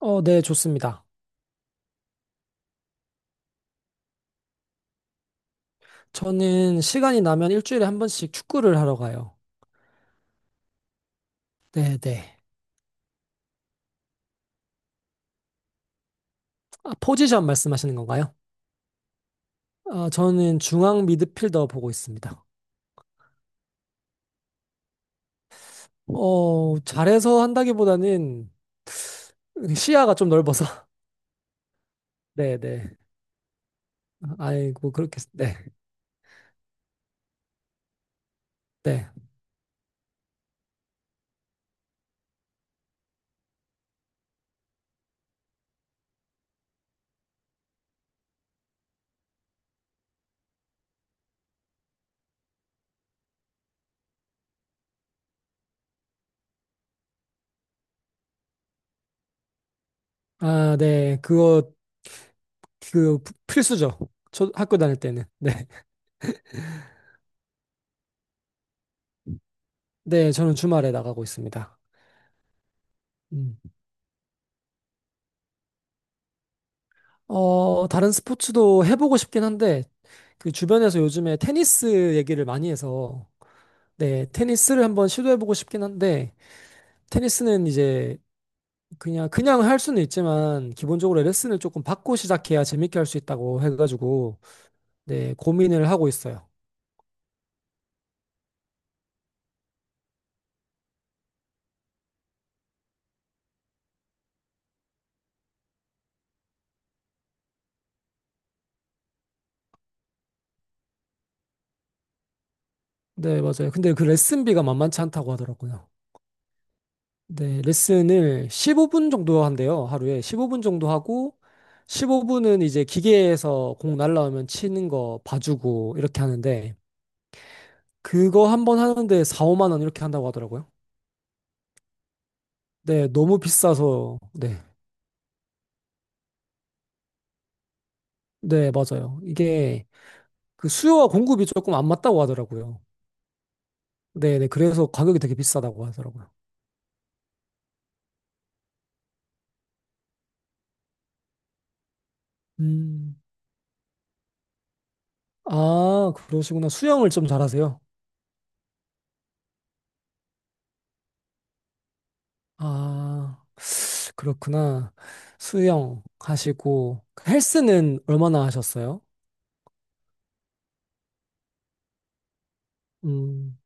네, 좋습니다. 저는 시간이 나면 일주일에 한 번씩 축구를 하러 가요. 네, 네. 아, 포지션 말씀하시는 건가요? 아, 저는 중앙 미드필더 보고 있습니다. 잘해서 한다기보다는 시야가 좀 넓어서. 네, 네. 아이고, 그렇게, 네, 네. 아, 네. 그거, 그, 필수죠. 저 학교 다닐 때는. 네. 네, 저는 주말에 나가고 있습니다. 음. 다른 스포츠도 해보고 싶긴 한데, 그 주변에서 요즘에 테니스 얘기를 많이 해서, 네, 테니스를 한번 시도해보고 싶긴 한데, 테니스는 이제 그냥 할 수는 있지만, 기본적으로 레슨을 조금 받고 시작해야 재밌게 할 수 있다고 해가지고, 네, 고민을 하고 있어요. 네, 맞아요. 근데 그 레슨비가 만만치 않다고 하더라고요. 네, 레슨을 15분 정도 한대요, 하루에. 15분 정도 하고, 15분은 이제 기계에서 공 날라오면 치는 거 봐주고, 이렇게 하는데, 그거 한 번 하는데 4, 5만 원 이렇게 한다고 하더라고요. 네, 너무 비싸서, 네. 네, 맞아요. 이게 그 수요와 공급이 조금 안 맞다고 하더라고요. 네, 네. 그래서 가격이 되게 비싸다고 하더라고요. 음. 아, 그러시구나. 수영을 좀 잘하세요? 아, 그렇구나. 수영 하시고, 헬스는 얼마나 하셨어요? 음,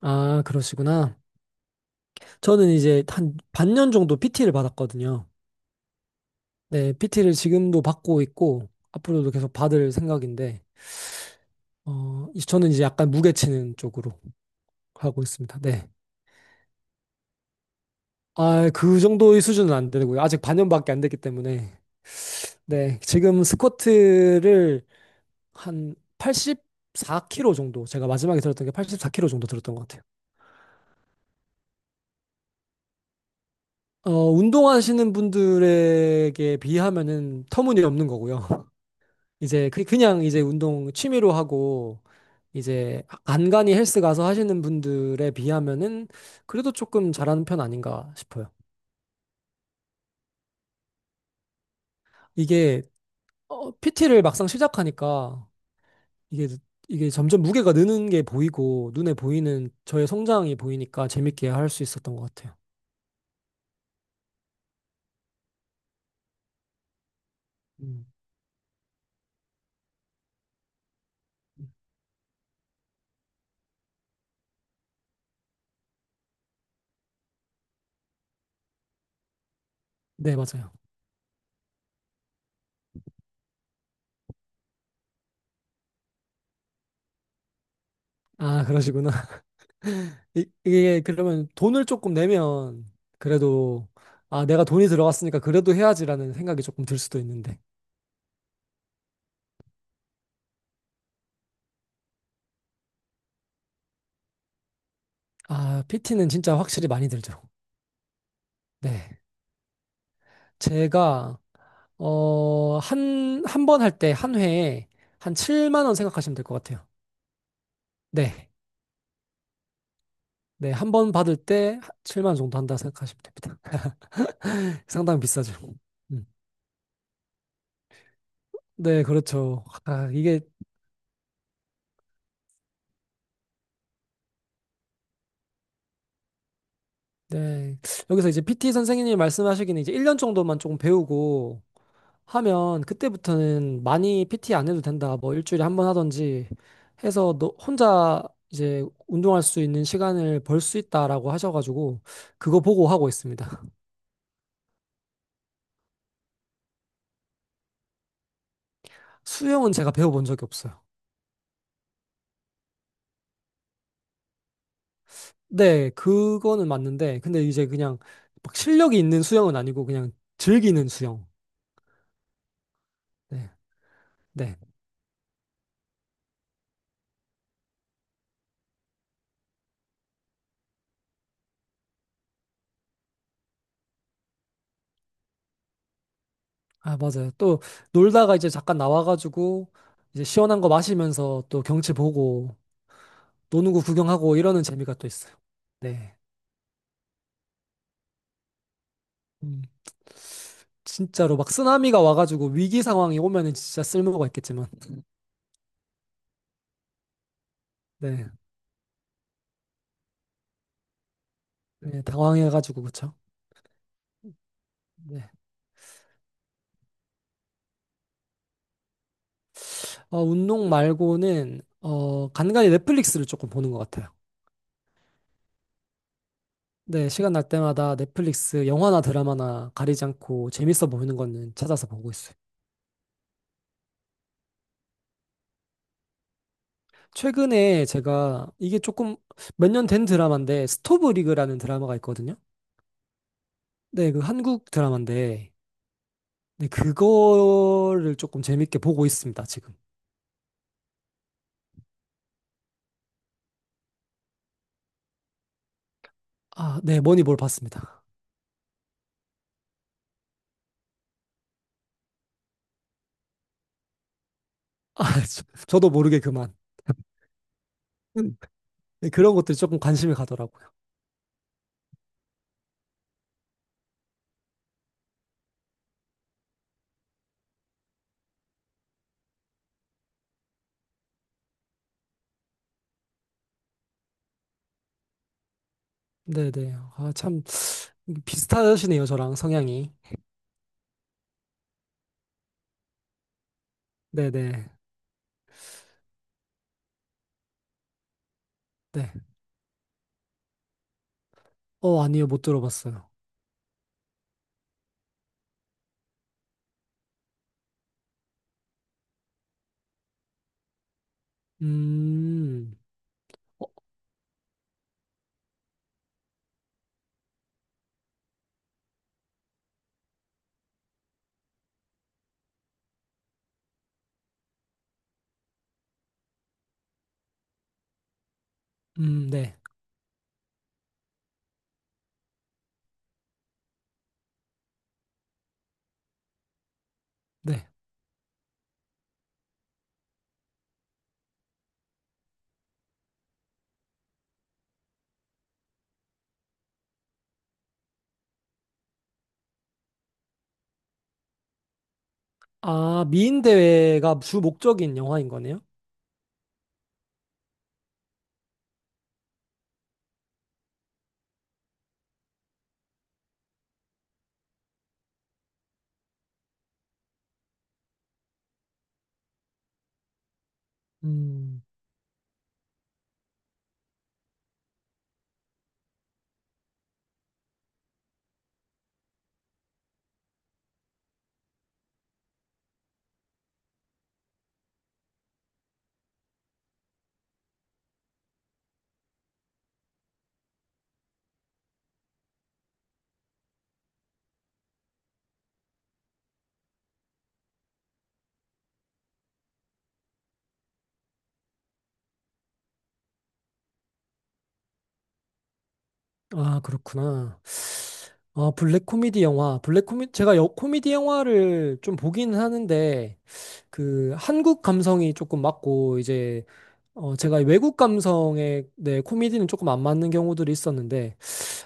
아, 그러시구나. 저는 이제 한 반년 정도 PT를 받았거든요. 네, PT를 지금도 받고 있고, 앞으로도 계속 받을 생각인데, 저는 이제 약간 무게치는 쪽으로 하고 있습니다. 네. 아, 그 정도의 수준은 안 되고요. 아직 반년밖에 안 됐기 때문에. 네, 지금 스쿼트를 한 84kg 정도. 제가 마지막에 들었던 게 84kg 정도 들었던 것 같아요. 운동하시는 분들에게 비하면은 터무니없는 거고요. 이제 그냥 이제 운동 취미로 하고 이제 간간이 헬스 가서 하시는 분들에 비하면은 그래도 조금 잘하는 편 아닌가 싶어요. 이게 PT를 막상 시작하니까 이게 이게 점점 무게가 느는 게 보이고 눈에 보이는 저의 성장이 보이니까 재밌게 할 수 있었던 것 같아요. 음. 네, 맞아요. 아, 그러시구나. 이게 그러면 돈을 조금 내면 그래도 아, 내가 돈이 들어갔으니까 그래도 해야지라는 생각이 조금 들 수도 있는데. 아, PT는 진짜 확실히 많이 들죠. 네. 제가 한 번 할 때 한 회에 한 7만 원 생각하시면 될 것 같아요. 네. 네, 한 번 받을 때 7만 원 정도 한다 생각하시면 됩니다. 상당히 비싸죠. 음. 네, 그렇죠. 아, 이게 네. 여기서 이제 PT 선생님이 말씀하시기는 이제 1년 정도만 조금 배우고 하면 그때부터는 많이 PT 안 해도 된다. 뭐 일주일에 한 번 하던지 해서 너 혼자 이제 운동할 수 있는 시간을 벌 수 있다라고 하셔가지고 그거 보고 하고 있습니다. 수영은 제가 배워본 적이 없어요. 네, 그거는 맞는데 근데 이제 그냥 막 실력이 있는 수영은 아니고 그냥 즐기는 수영. 네, 네. 아, 맞아요. 또 놀다가 이제 잠깐 나와가지고 이제 시원한 거 마시면서 또 경치 보고 노는 거 구경하고 이러는 재미가 또 있어요. 네. 음. 진짜로 막 쓰나미가 와가지고 위기 상황이 오면은 진짜 쓸모가 있겠지만 네, 네. 네, 당황해가지고 그쵸? 네. 운동 말고는 간간히 넷플릭스를 조금 보는 것 같아요. 네, 시간 날 때마다 넷플릭스 영화나 드라마나 가리지 않고 재밌어 보이는 거는 찾아서 보고 있어요. 최근에 제가 이게 조금 몇 년 된 드라마인데 스토브 리그라는 드라마가 있거든요. 네, 그 한국 드라마인데 네, 그거를 조금 재밌게 보고 있습니다, 지금. 아, 네, 머니볼 봤습니다. 아, 저, 도 모르게 그만. 음, 그런 것들이 조금 관심이 가더라고요. 네네. 아, 참, 비슷하시네요, 저랑 성향이. 네네. 네. 아니요, 못 들어봤어요. 음, 네. 네. 아, 미인대회가 주 목적인 영화인 거네요? 음, 아, 그렇구나. 아, 블랙 코미디 영화. 제가 코미디 영화를 좀 보긴 하는데, 그, 한국 감성이 조금 맞고, 이제, 제가 이 외국 감성의 네, 코미디는 조금 안 맞는 경우들이 있었는데,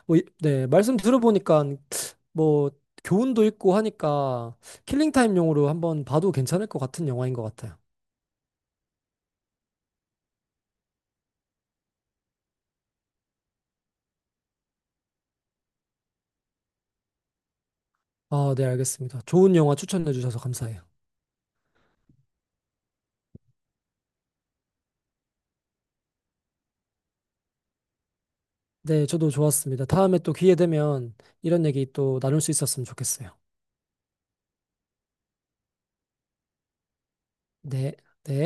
뭐, 네, 말씀 들어보니까 뭐 교훈도 있고 하니까 킬링타임용으로 한번 봐도 괜찮을 것 같은 영화인 것 같아요. 아, 네, 알겠습니다. 좋은 영화 추천해 주셔서 감사해요. 네, 저도 좋았습니다. 다음에 또 기회 되면 이런 얘기 또 나눌 수 있었으면 좋겠어요. 네, 네.